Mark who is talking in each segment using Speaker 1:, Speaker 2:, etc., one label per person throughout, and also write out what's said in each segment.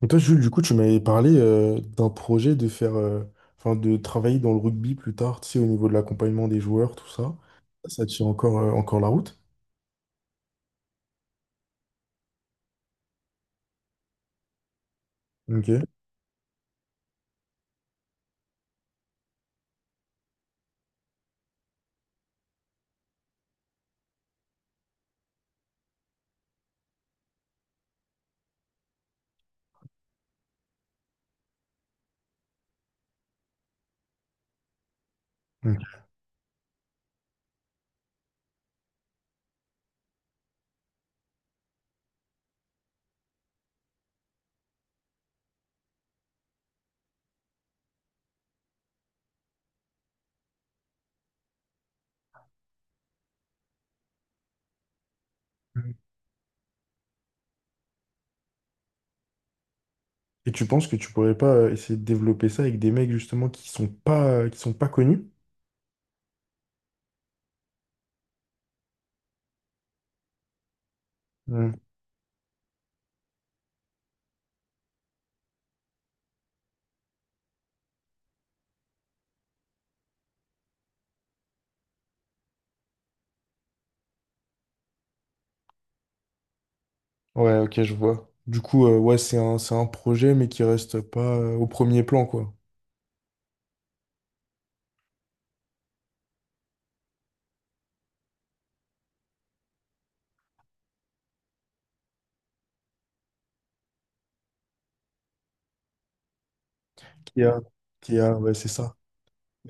Speaker 1: Mais toi, Jules, du coup, tu m'avais parlé d'un projet de faire, enfin, de travailler dans le rugby plus tard, tu sais, au niveau de l'accompagnement des joueurs, tout ça. Ça tient encore, encore la route. Ok. Ok. Et tu penses que tu pourrais pas essayer de développer ça avec des mecs justement qui sont pas connus? Hmm. Ouais, ok, je vois. Du coup, ouais, c'est un projet, mais qui reste pas au premier plan, quoi. Qui a, qui a, ouais, c'est ça.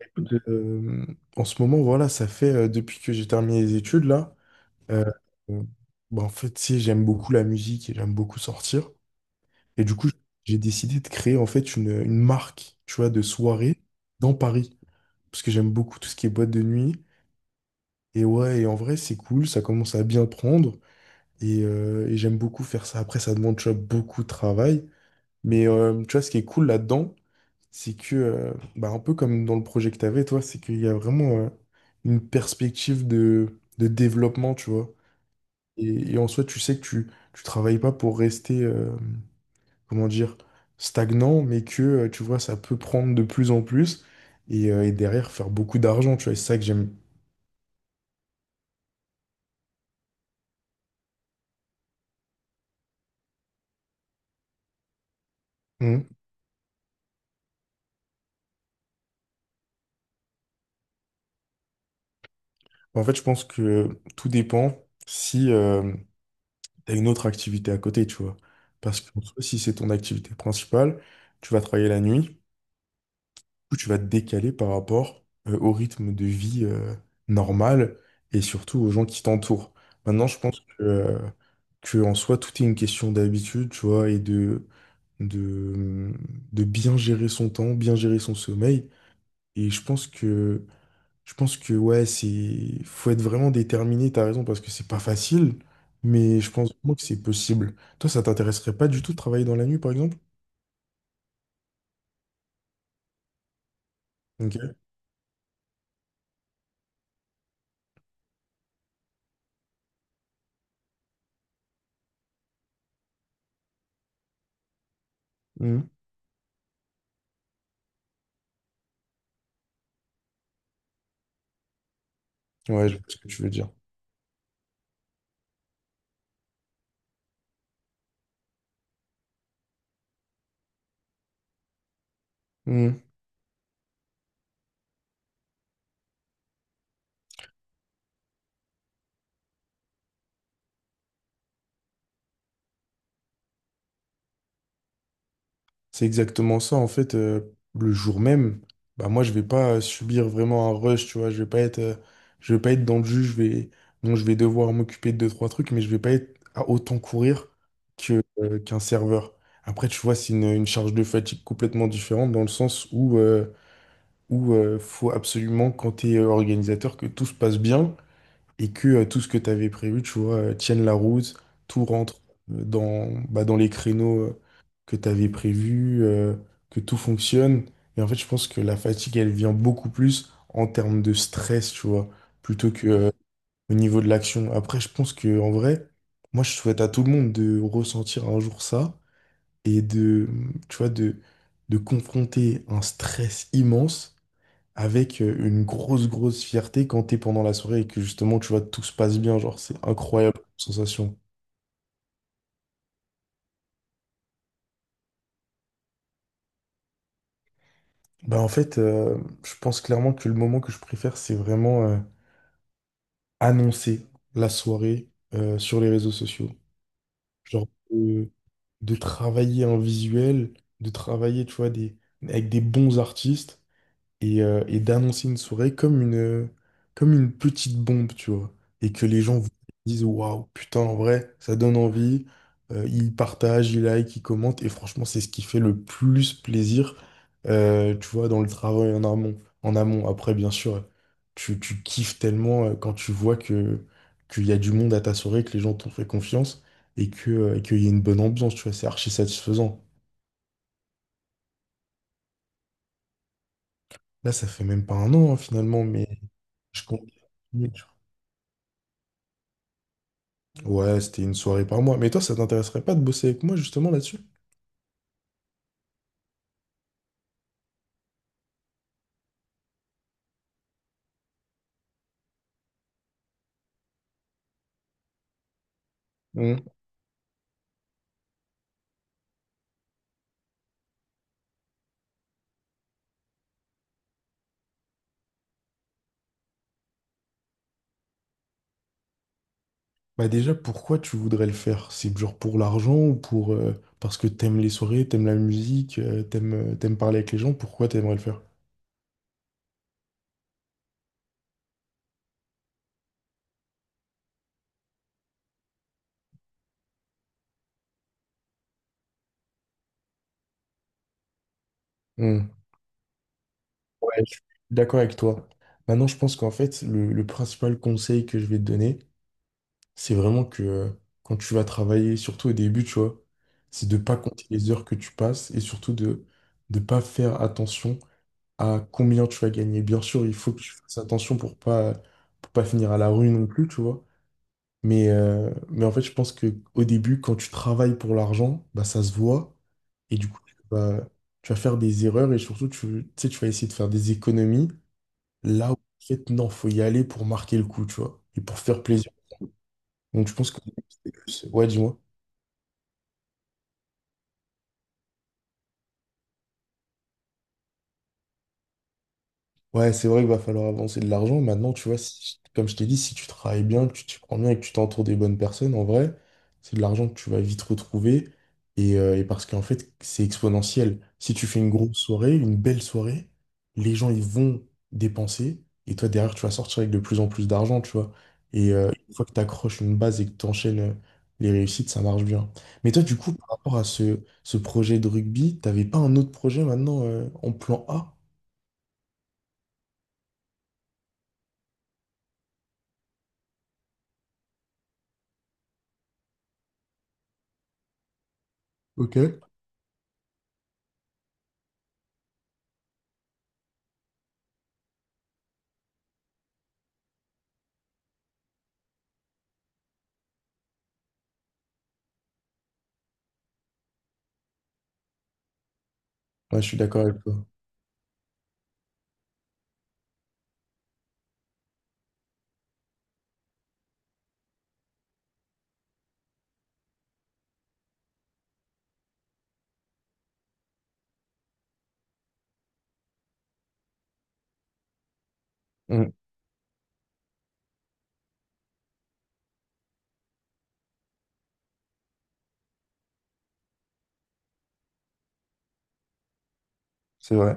Speaker 1: Écoute, en ce moment, voilà, ça fait depuis que j'ai terminé les études là. Euh, euh, Bah, en fait, tu sais, j'aime beaucoup la musique et j'aime beaucoup sortir. Et du coup, j'ai décidé de créer en fait une marque, tu vois, de soirée dans Paris. Parce que j'aime beaucoup tout ce qui est boîte de nuit. Et ouais, et en vrai, c'est cool, ça commence à bien prendre. Et j'aime beaucoup faire ça. Après, ça demande, tu vois, beaucoup de travail. Mais tu vois, ce qui est cool là-dedans, c'est que, bah, un peu comme dans le projet que tu avais, toi, c'est qu'il y a vraiment une perspective de développement, tu vois. Et en soi, tu sais que tu travailles pas pour rester, comment dire, stagnant, mais que, tu vois, ça peut prendre de plus en plus et derrière faire beaucoup d'argent, tu vois. Et c'est ça que j'aime. Mhm. En fait, je pense que tout dépend si tu as une autre activité à côté, tu vois. Parce que en soi, si c'est ton activité principale, tu vas travailler la nuit. Coup, tu vas te décaler par rapport au rythme de vie normal et surtout aux gens qui t'entourent. Maintenant, je pense que, en soi, tout est une question d'habitude, tu vois, et de, mmh, de bien gérer son temps, bien gérer son sommeil. Et je pense que ouais, faut être vraiment déterminé, t'as raison, parce que c'est pas facile, mais je pense vraiment que c'est possible. Toi, ça t'intéresserait pas du tout de travailler dans la nuit, par exemple? Ok. Mhm. Ouais, je vois ce que tu veux dire. Mmh. C'est exactement ça. En fait, le jour même, bah moi, je vais pas subir vraiment un rush, tu vois. Je vais pas être, je vais pas être dans le jus. Bon, je vais devoir m'occuper de deux, trois trucs, mais je vais pas être à autant courir qu'un serveur. Après, tu vois, c'est une charge de fatigue complètement différente dans le sens où faut absolument, quand tu es organisateur, que tout se passe bien et que tout ce que tu avais prévu, tu vois, tienne la route, tout rentre bah, dans les créneaux que tu avais prévus, que tout fonctionne. Et en fait, je pense que la fatigue, elle vient beaucoup plus en termes de stress, tu vois, plutôt que au niveau de l'action. Après, je pense que en vrai, moi, je souhaite à tout le monde de ressentir un jour ça et de, tu vois, de confronter un stress immense avec une grosse, grosse fierté quand t'es pendant la soirée et que justement, tu vois, tout se passe bien. Genre, c'est incroyable comme sensation. Bah, en fait, je pense clairement que le moment que je préfère, c'est vraiment annoncer la soirée sur les réseaux sociaux. Genre, euh, de travailler un visuel, de travailler, tu vois, avec des bons artistes. Et d'annoncer une soirée comme comme une petite bombe, tu vois. Et que les gens disent, waouh, putain, en vrai, ça donne envie. Ils partagent, ils like, ils commentent. Et franchement, c'est ce qui fait le plus plaisir, tu vois, dans le travail en amont. En amont. Après, bien sûr, tu kiffes tellement quand tu vois que, qu'il y a du monde à ta soirée, que les gens t'ont fait confiance et qu'il y a une bonne ambiance, tu vois, c'est archi satisfaisant. Là, ça fait même pas un an, hein, finalement, mais je compte. Ouais, c'était une soirée par mois. Mais toi, ça t'intéresserait pas de bosser avec moi justement là-dessus? Hmm. Bah déjà, pourquoi tu voudrais le faire? C'est genre pour l'argent ou pour parce que t'aimes les soirées, t'aimes la musique, t'aimes parler avec les gens, pourquoi t'aimerais le faire? Hmm. Ouais, je suis d'accord avec toi. Maintenant, je pense qu'en fait, le principal conseil que je vais te donner, c'est vraiment que quand tu vas travailler, surtout au début, tu vois, c'est de pas compter les heures que tu passes et surtout de ne pas faire attention à combien tu vas gagner. Bien sûr, il faut que tu fasses attention pour pas finir à la rue non plus, tu vois. Mais en fait, je pense que au début, quand tu travailles pour l'argent, bah, ça se voit. Et du coup, tu vas faire des erreurs et surtout, tu sais, tu vas essayer de faire des économies là où, en fait, non, faut y aller pour marquer le coup, tu vois, et pour faire plaisir. Donc, je pense que... Ouais, dis-moi. Ouais, c'est vrai qu'il va falloir avancer de l'argent. Maintenant, tu vois, comme je t'ai dit, si tu travailles bien, que tu t'y prends bien et que tu t'entoures des bonnes personnes, en vrai, c'est de l'argent que tu vas vite retrouver. Et parce qu'en fait, c'est exponentiel. Si tu fais une grosse soirée, une belle soirée, les gens, ils vont dépenser. Et toi, derrière, tu vas sortir avec de plus en plus d'argent, tu vois. Et une fois que tu accroches une base et que tu enchaînes les réussites, ça marche bien. Mais toi, du coup, par rapport à ce projet de rugby, t'avais pas un autre projet maintenant en plan A? Ok. Ouais, je suis d'accord avec toi. Mm, c'est vrai.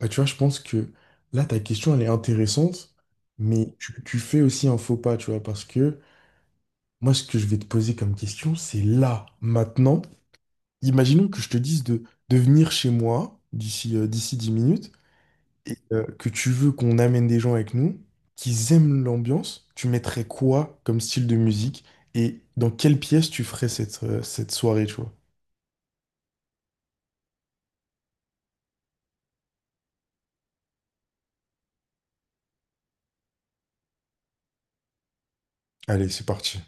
Speaker 1: Bah, tu vois, je pense que là, ta question, elle est intéressante, mais tu fais aussi un faux pas, tu vois, parce que moi, ce que je vais te poser comme question, c'est là, maintenant. Imaginons que je te dise de venir chez moi d'ici 10 minutes et que tu veux qu'on amène des gens avec nous qui aiment l'ambiance. Tu mettrais quoi comme style de musique et dans quelle pièce tu ferais cette soirée, tu vois? Allez, c'est parti.